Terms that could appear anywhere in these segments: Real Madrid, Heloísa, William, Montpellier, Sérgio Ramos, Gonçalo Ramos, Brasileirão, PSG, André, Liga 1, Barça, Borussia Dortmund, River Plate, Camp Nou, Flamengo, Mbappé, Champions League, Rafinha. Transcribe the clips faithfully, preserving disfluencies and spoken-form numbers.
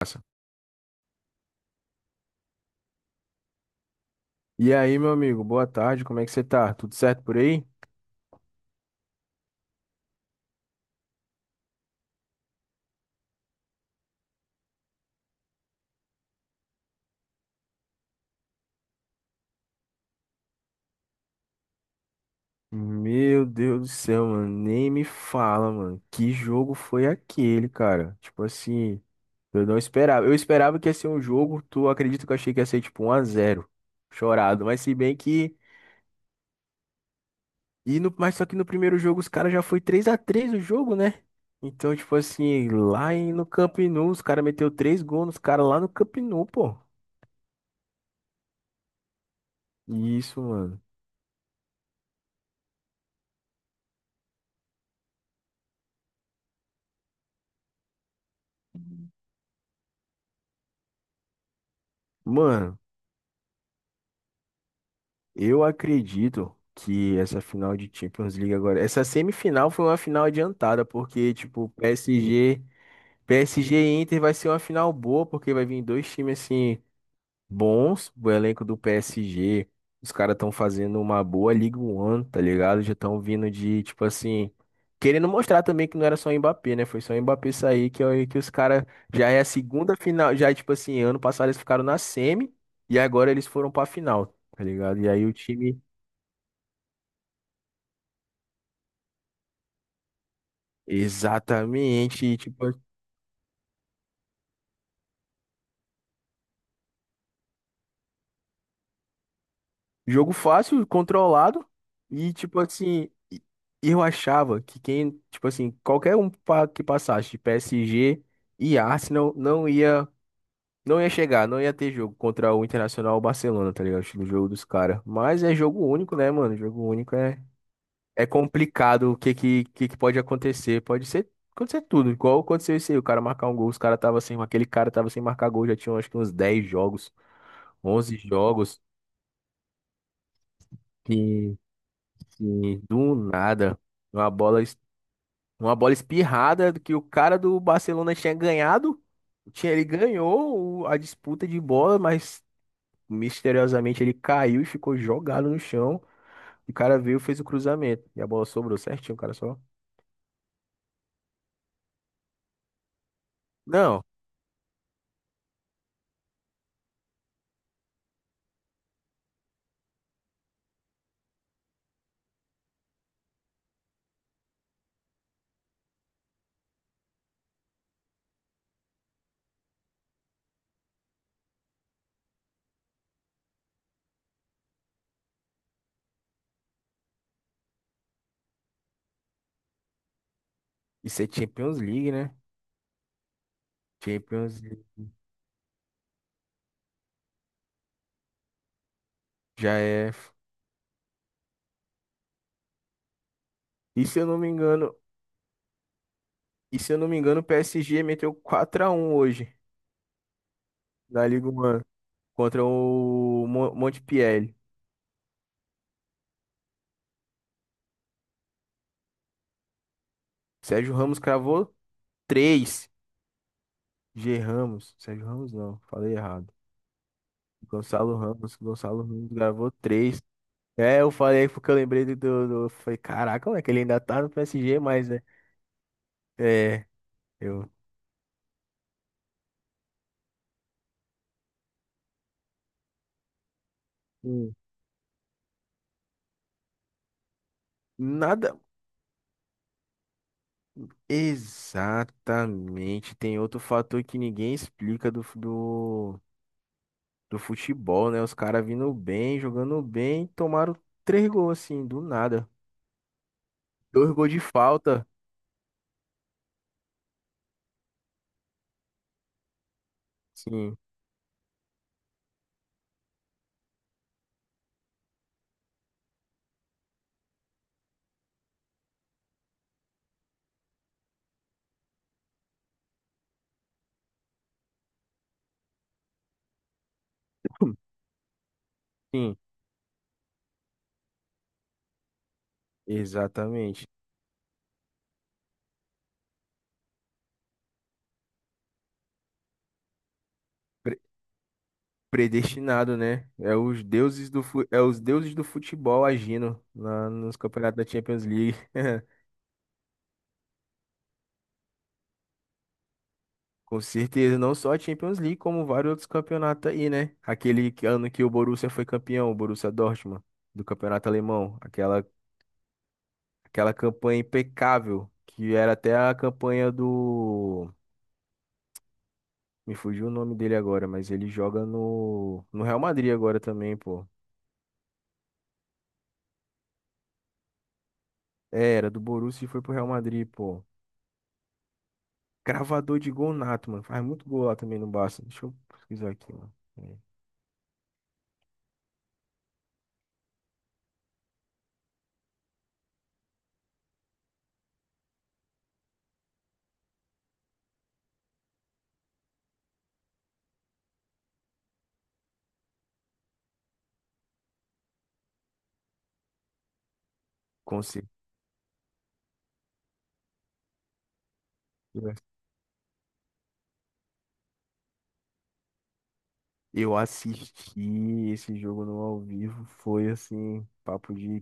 Massa. E aí, meu amigo, boa tarde, como é que você tá? Tudo certo por aí? Meu Deus do céu, mano, nem me fala, mano. Que jogo foi aquele, cara? Tipo assim, eu não esperava. Eu esperava que ia ser um jogo, tu acredita que eu achei que ia ser tipo um a zero, chorado. Mas se bem que. E no... Mas só que no primeiro jogo os caras já foi três a três o jogo, né? Então, tipo assim, lá em- no Camp Nou, os caras meteu três gols nos caras lá no Camp Nou, pô. Isso, mano. Mano, eu acredito que essa final de Champions League agora, essa semifinal foi uma final adiantada, porque tipo, P S G, PSG e Inter vai ser uma final boa, porque vai vir dois times assim bons. O elenco do P S G, os caras estão fazendo uma boa Liga One, tá ligado? Já estão vindo de tipo assim, querendo mostrar também que não era só o Mbappé, né? Foi só o Mbappé sair que é- que os caras já é a segunda final. Já tipo assim, ano passado eles ficaram na semi e agora eles foram pra final. Tá ligado? E aí o time exatamente. E, tipo, jogo fácil, controlado. E, tipo assim, e- eu achava que quem, tipo assim, qualquer um pa- que passasse de P S G e Arsenal não ia, não ia chegar, não ia ter jogo contra o Internacional ou Barcelona, tá ligado? Acho que no jogo dos caras. Mas é jogo único, né, mano? Jogo único é, é complicado o que, que, que que pode acontecer. Pode ser, acontecer tudo. Igual aconteceu isso aí, o cara marcar um gol, os cara tava sem, aquele cara tava sem marcar gol, já tinha acho que uns dez jogos, onze jogos. Que sim, do nada. Uma bola, es- uma bola espirrada que o cara do Barcelona tinha ganhado. Tinha, ele ganhou o- a disputa de bola, mas misteriosamente ele caiu e ficou jogado no chão. O cara veio, fez o cruzamento. E a bola sobrou certinho, o cara só. Não, isso é Champions League, né? Champions League já é. E se eu não me engano, e se eu não me engano, o P S G meteu quatro a um hoje na Liga um contra o Mon- Montpellier. Sérgio Ramos cravou três. G Ramos. Sérgio Ramos não, falei errado. Gonçalo Ramos. Gonçalo Ramos gravou três. É, eu falei porque eu lembrei do, do, do- eu falei, caraca, como é que ele ainda tá no P S G, mas né? É, eu. Hum. Nada. Exatamente. Tem outro fator que ninguém explica do, fu- do, do futebol, né? Os caras vindo bem, jogando bem, tomaram três gols, assim, do nada. Dois gols de falta. Sim, sim, exatamente. Pre- Predestinado, né? É os deuses do, fu- é os deuses do futebol agindo na, nos campeonatos da Champions League. Com certeza, não só a Champions League, como vários outros campeonatos aí, né? Aquele que- ano que o Borussia foi campeão, o Borussia Dortmund, do campeonato alemão. Aquela, aquela campanha impecável, que era até a campanha do. Me fugiu o nome dele agora, mas ele joga no, no Real Madrid agora também, pô. É, era do Borussia e foi pro Real Madrid, pô. Cravador de gol nato, mano. Faz muito gol lá também no Barça. Deixa eu pesquisar aqui, mano. É, com certeza. Eu assisti esse jogo no ao vivo. Foi assim, papo de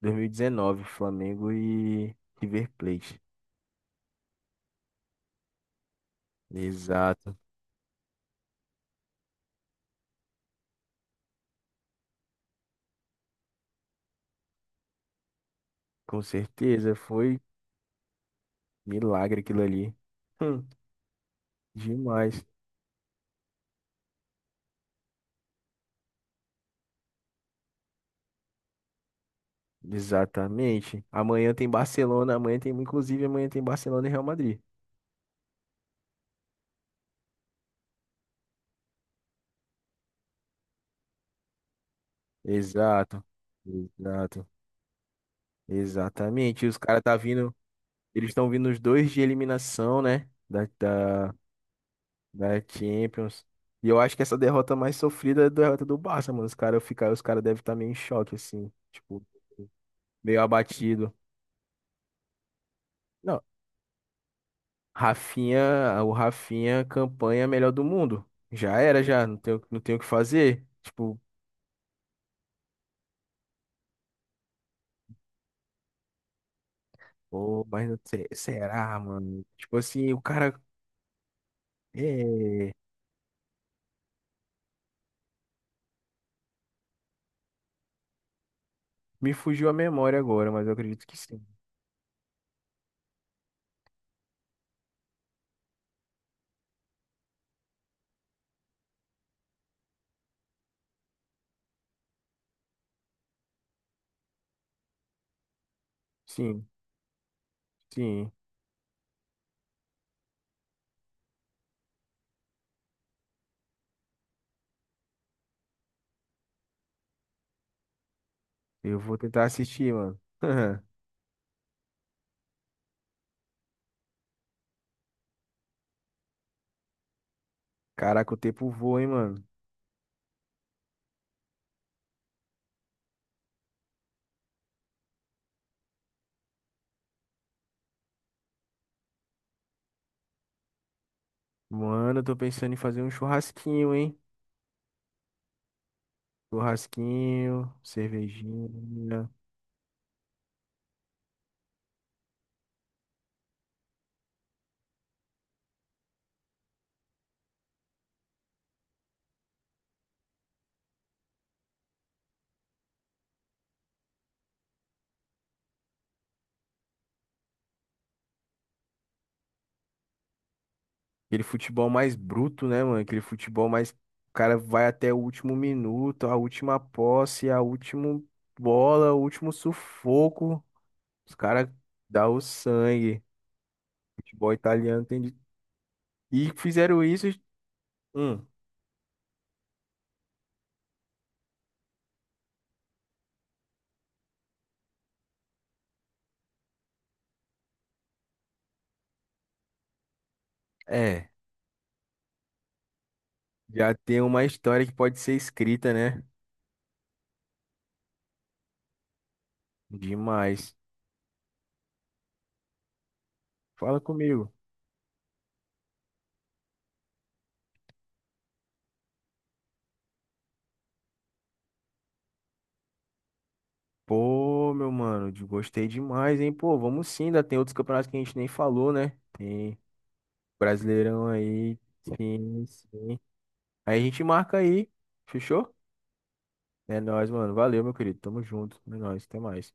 dois mil e dezenove, Flamengo e River Plate. Exato. Com certeza. Foi milagre aquilo ali. Hum, demais. Exatamente. Amanhã tem Barcelona. Amanhã tem, inclusive, amanhã tem Barcelona e Real Madrid. Exato. Exato. Exatamente. E os caras tá vindo. Eles estão vindo os dois de eliminação, né? Da, da, da Champions. E eu acho que essa derrota mais sofrida é a derrota do Barça, mano. Os caras ficar, os cara devem estar meio em choque, assim. Tipo, meio abatido. Não, Rafinha, o Rafinha, campanha melhor do mundo. Já era, já. Não tenho não tenho o que fazer. Tipo, pô, mas não sei, será, mano? Tipo assim, o cara. É, me fugiu a memória agora, mas eu acredito que sim. Sim, sim. Eu vou tentar assistir, mano. Caraca, o tempo voa, hein, mano? Mano, eu tô pensando em fazer um churrasquinho, hein? Churrasquinho, cervejinha. Aquele futebol mais bruto, né, mano? Aquele futebol mais. O cara vai até o último minuto, a última posse, a última bola, o último sufoco. Os caras dão o sangue. Futebol italiano tem de... E fizeram isso. Hum, é. Já tem uma história que pode ser escrita, né? Demais. Fala comigo. Pô, meu mano, de- gostei demais, hein? Pô, vamos sim, ainda tem outros campeonatos que a gente nem falou, né? Tem Brasileirão aí, sim, sim. Aí a gente marca aí, fechou? É nóis, mano. Valeu, meu querido. Tamo junto. É nóis, até mais.